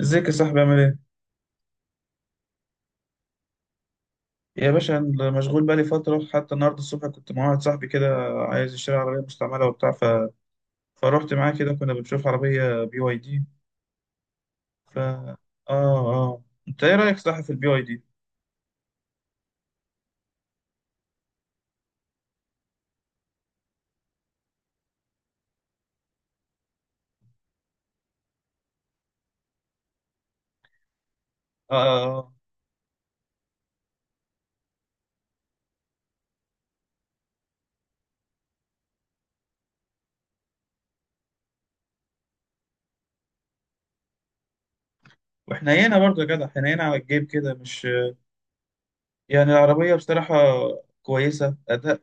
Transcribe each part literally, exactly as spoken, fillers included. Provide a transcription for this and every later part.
ازيك يا صاحبي عامل ايه؟ يا باشا، أنا مشغول بقالي فترة. حتى النهاردة الصبح كنت مع واحد صاحبي كده عايز يشتري عربية مستعملة وبتاع ف... فروحت معاه كده كنا بنشوف عربية بي واي دي. ف اه اه انت ايه رأيك صح في البي واي دي؟ اه اه آه. وحنينة برضه يا جدع، حنينة على الجيب كده، مش يعني، العربية بصراحة كويسة أداء.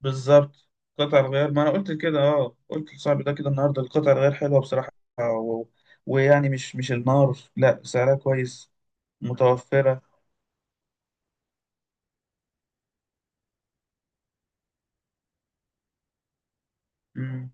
بالظبط. قطع الغيار، ما أنا قلت كده، اه قلت لصاحبي ده كده النهاردة، القطع الغيار حلوة بصراحة و... ويعني مش مش النار، لا سعرها كويس، متوفرة. مم.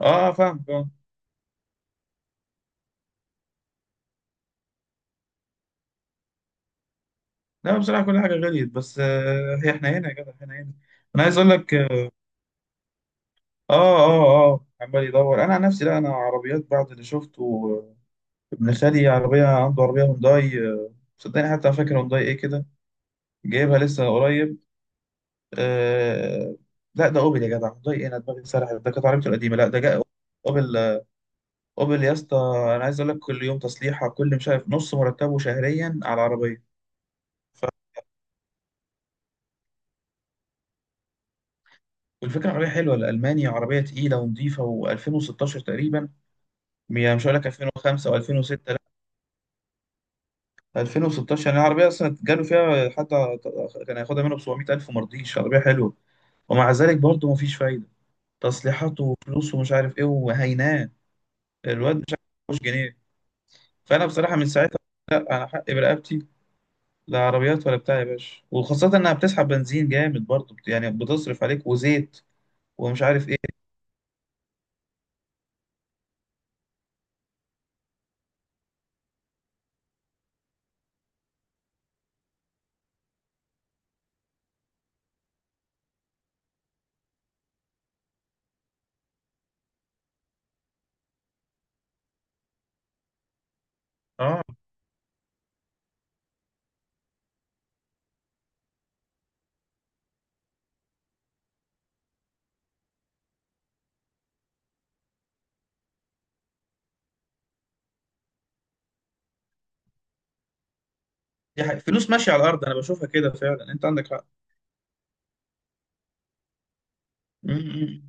اه فاهم اه. لا بصراحه كل حاجه غليت، بس آه هي احنا هنا يا جدع، احنا هنا. انا عايز اقول لك، اه اه اه عمال يدور. انا عن نفسي لا، انا عربيات بعد اللي شفته، آه، ابن خالي عربيه، عنده عربيه هونداي، آه، صدقني حتى فاكر هونداي ايه كده، جايبها لسه قريب. آه لا ده اوبل يا جدع، هونداي ايه، انا دماغي سرحت، ده كانت عربيته القديمه، لا ده جاء اوبل. آه، اوبل يا اسطى. انا عايز اقول لك كل يوم تصليحه، كل مش عارف، نص مرتبه شهريا على العربيه. والفكرة عربية حلوة، لألمانيا، عربية تقيلة ونظيفة، و2016 تقريبا. يعني مش هقول لك ألفين وخمسة أو ألفين وستة، لا ألفين وستاشر. يعني العربية أصلا جاله فيها حتى. كان هياخدها منه ب سبعمية ألف وما رضيش، عربية حلوة. ومع ذلك برضه مفيش فايدة. تصليحات وفلوس ومش عارف إيه. وهيناه الواد مش عارف يحوش جنيه. فأنا بصراحة من ساعتها، لأ، أنا حقي برقبتي. لا عربيات ولا بتاع يا باشا. وخاصة إنها بتسحب بنزين جامد برضه، بت- يعني بتصرف عليك وزيت ومش عارف إيه أه دي حقيقة. فلوس ماشية على الأرض أنا بشوفها كده فعلا. أنت عندك. مم.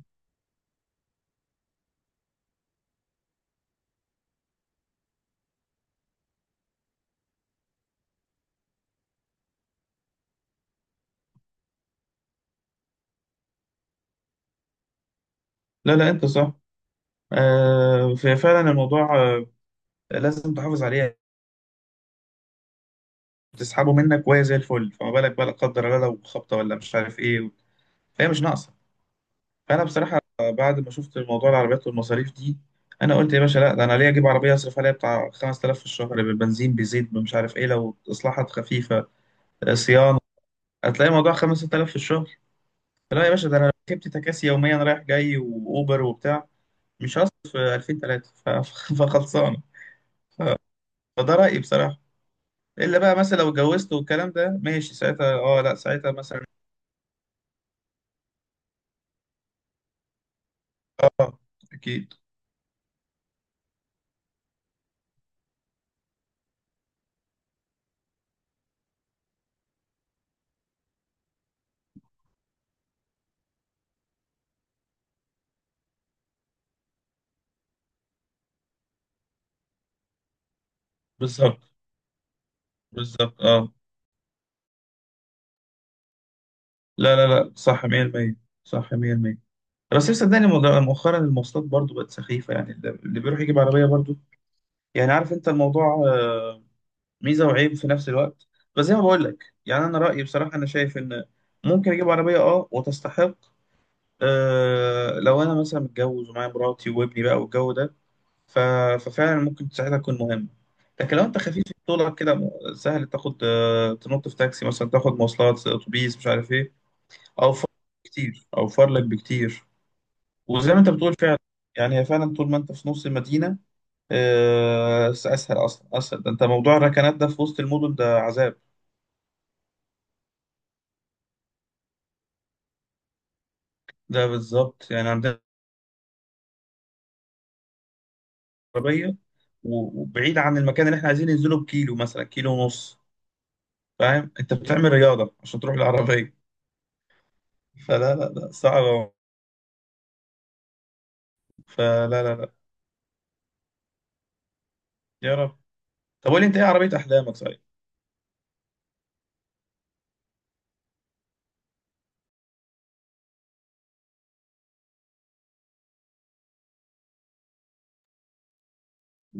لا لا انت صح. آه ف- فعلا الموضوع آه لازم تحافظ عليه، تسحبه منك وهي زي الفل، فما بالك بقى لا قدر الله لو خبطه ولا مش عارف ايه. فهي مش ناقصه. فانا بصراحه بعد ما شفت الموضوع العربيات والمصاريف دي، انا قلت يا باشا لا، ده انا ليه اجيب عربيه اصرف عليها بتاع خمستلاف في الشهر، بالبنزين بزيت مش عارف ايه، لو اصلاحات خفيفه آه، صيانه، هتلاقي الموضوع خمسة آلاف في الشهر. لا يا باشا، ده انا لو ركبت تكاسي يوميا رايح جاي واوبر وبتاع مش هصرف ألفين، تلاتة فخلصان. فده رأيي بصراحة. إلا بقى مثلا لو اتجوزت والكلام ده ماشي، ساعتها اه لا، ساعتها مثلا. أكيد. بالظبط. بالظبط اه. لا لا لا، صح مية بالمية. صح مائة بالمئة. بس صدقني، مد- مؤخرا المواصلات برضو بقت سخيفة، يعني اللي اللي بيروح يجيب عربية برضو. يعني عارف أنت الموضوع، آه، ميزة وعيب في نفس الوقت. بس زي ما بقول لك، يعني أنا رأيي بصراحة، أنا شايف إن ممكن أجيب عربية اه وتستحق، آه، لو أنا مثلا متجوز ومعايا مراتي وابني بقى والجو ده ف... ففعلا ممكن ساعتها تكون مهمة. لكن لو انت خفيف في طولك كده، م- سهل تاخد آه، تنط في تاكسي مثلا، تاخد مواصلات آه، اتوبيس مش عارف ايه، اوفر لك كتير، اوفر لك بكتير. وزي ما انت بتقول فعلا، يعني هي فعلا طول ما انت في نص المدينة، آه، اسهل، اصلا اسهل. ده انت موضوع الركنات ده في وسط المدن ده عذاب. ده بالظبط، يعني عندنا عربية و- وبعيد عن المكان اللي احنا عايزين ننزله بكيلو مثلا، كيلو ونص. فاهم، انت بتعمل رياضة عشان تروح العربية. فلا لا لا، صعبة. فلا لا لا. يا رب. طب قول لي انت ايه عربية احلامك صحيح.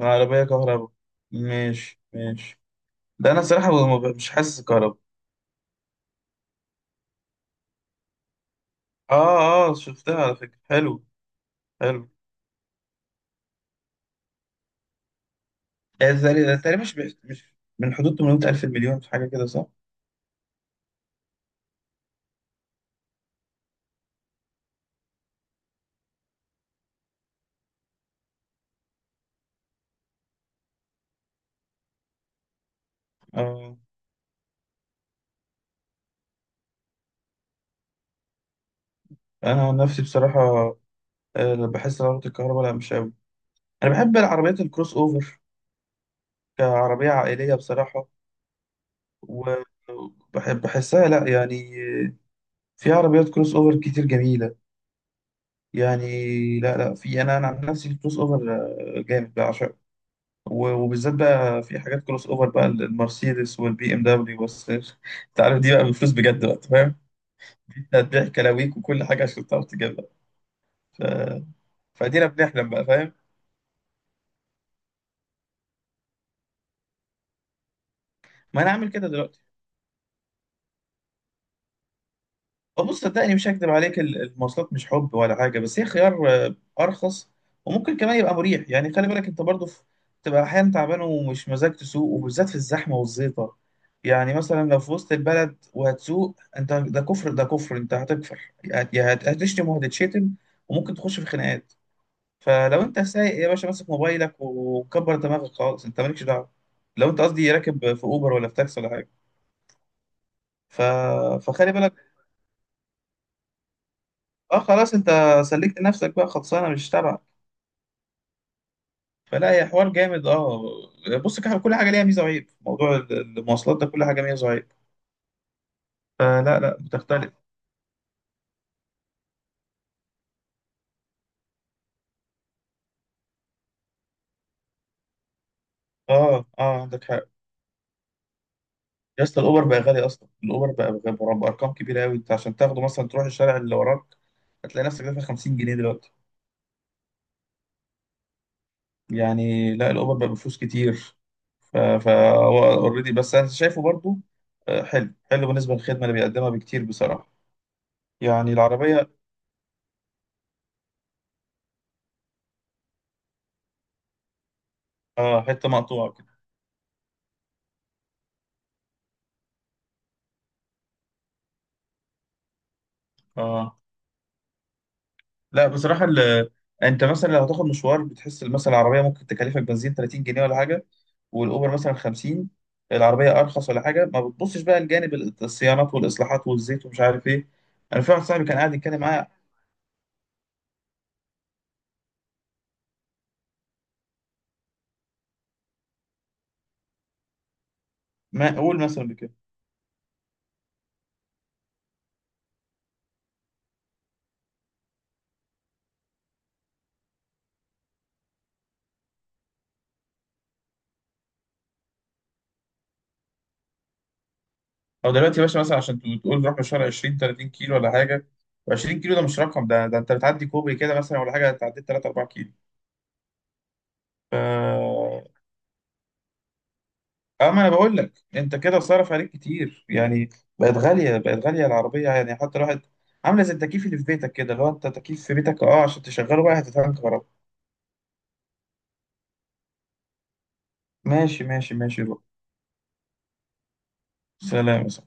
عربية كهرباء؟ ماشي ماشي. ده انا الصراحة ما ب- مش حاسس كهرباء. اه اه شفتها على فكرة، حلو حلو. آه، تقريبا، تقريباً مش بيح- مش، من حدود ثمانمائة ألف، المليون، في حاجة كده صح؟ آه. أنا عن نفسي بصراحة، آه، بحس إن عربية الكهرباء لا مش أوي. أنا بحب العربيات الكروس أوفر، كعربية عائلية بصراحة. وبحب بحسها، لا يعني، آه، في عربيات كروس أوفر كتير جميلة، يعني لا لا. في انا، انا عن نفسي الكروس اوفر آه، جامد بعشقه. و- وبالذات بقى في حاجات كروس اوفر بقى، المرسيدس والبي ام دبليو بس انت عارف دي بقى بالفلوس بجد بقى. أنت فاهم انت هتبيع كلاويك وكل حاجه عشان تعرف تجيبها ف... فادينا بنحلم بقى. فاهم؟ ما انا عامل كده دلوقتي. بص صدقني مش هكدب عليك، ال- المواصلات مش حب ولا حاجه، بس هي خيار آه، ارخص، وممكن كمان يبقى مريح. يعني خلي بالك انت برضه في- تبقى احيانا تعبان ومش مزاج تسوق، وبالذات في الزحمه والزيطه. يعني مثلا لو في وسط البلد وهتسوق انت، ده كفر ده كفر، انت هتكفر. يا هت- هتشتم وهتتشتم، وممكن تخش في خناقات. فلو انت سايق يا باشا، ماسك موبايلك وكبر دماغك خالص، انت مالكش دعوه. لو انت قصدي راكب في اوبر ولا في تاكسي ولا حاجه ف... فخلي بالك. اه خلاص انت سلكت نفسك بقى، خلصانه مش تبعك. فلا، هي حوار جامد اه. بص، كح- كل حاجه ليها ميزه وعيب. موضوع ال- المواصلات ده كل حاجه ميزه وعيب. فلا لا بتختلف. اه اه عندك حق. يا اسطى، الاوبر بقى غالي اصلا. الاوبر بقى بقى بقى بارقام كبيره قوي. انت عشان تاخده مثلا تروح الشارع اللي وراك، هتلاقي نفسك دافع خمسين جنيه دلوقتي. يعني لا، الاوبر بقى بفلوس كتير. ف فا اوريدي بس انا شايفه برضو آه، حلو حلو بالنسبه للخدمه اللي بيقدمها بكتير بصراحه. يعني العربيه اه، حته مقطوعه كده. اه لا بصراحة ال... انت مثلا لو هتاخد مشوار، بتحس مثلا العربية ممكن تكلفك بنزين تلاتين جنيه ولا حاجة، والأوبر مثلا خمسين، العربية أرخص ولا حاجة. ما بتبصش بقى لجانب ال- الصيانات والإصلاحات والزيت ومش عارف إيه. أنا في واحد صاحبي كان قاعد يتكلم معايا، ما أقول مثلا بكده. أو دلوقتي يا باشا مثلا، عشان تقول تقول نروح مشوار عشرين تلاتين كيلو ولا حاجة، عشرين كيلو ده مش رقم. ده ده أنت بتعدي كوبري كده مثلا ولا حاجة، تعديت تلاتة اربعة كيلو. اه ما انا بقول لك انت كده صرف عليك كتير يعني. بقت غاليه، بقت غاليه العربيه يعني. حتى الواحد عامله زي التكييف اللي في بيتك كده، لو انت تكييف في بيتك اه عشان تشغله بقى هتتعمل كهرباء. ماشي ماشي ماشي بقى. سلام.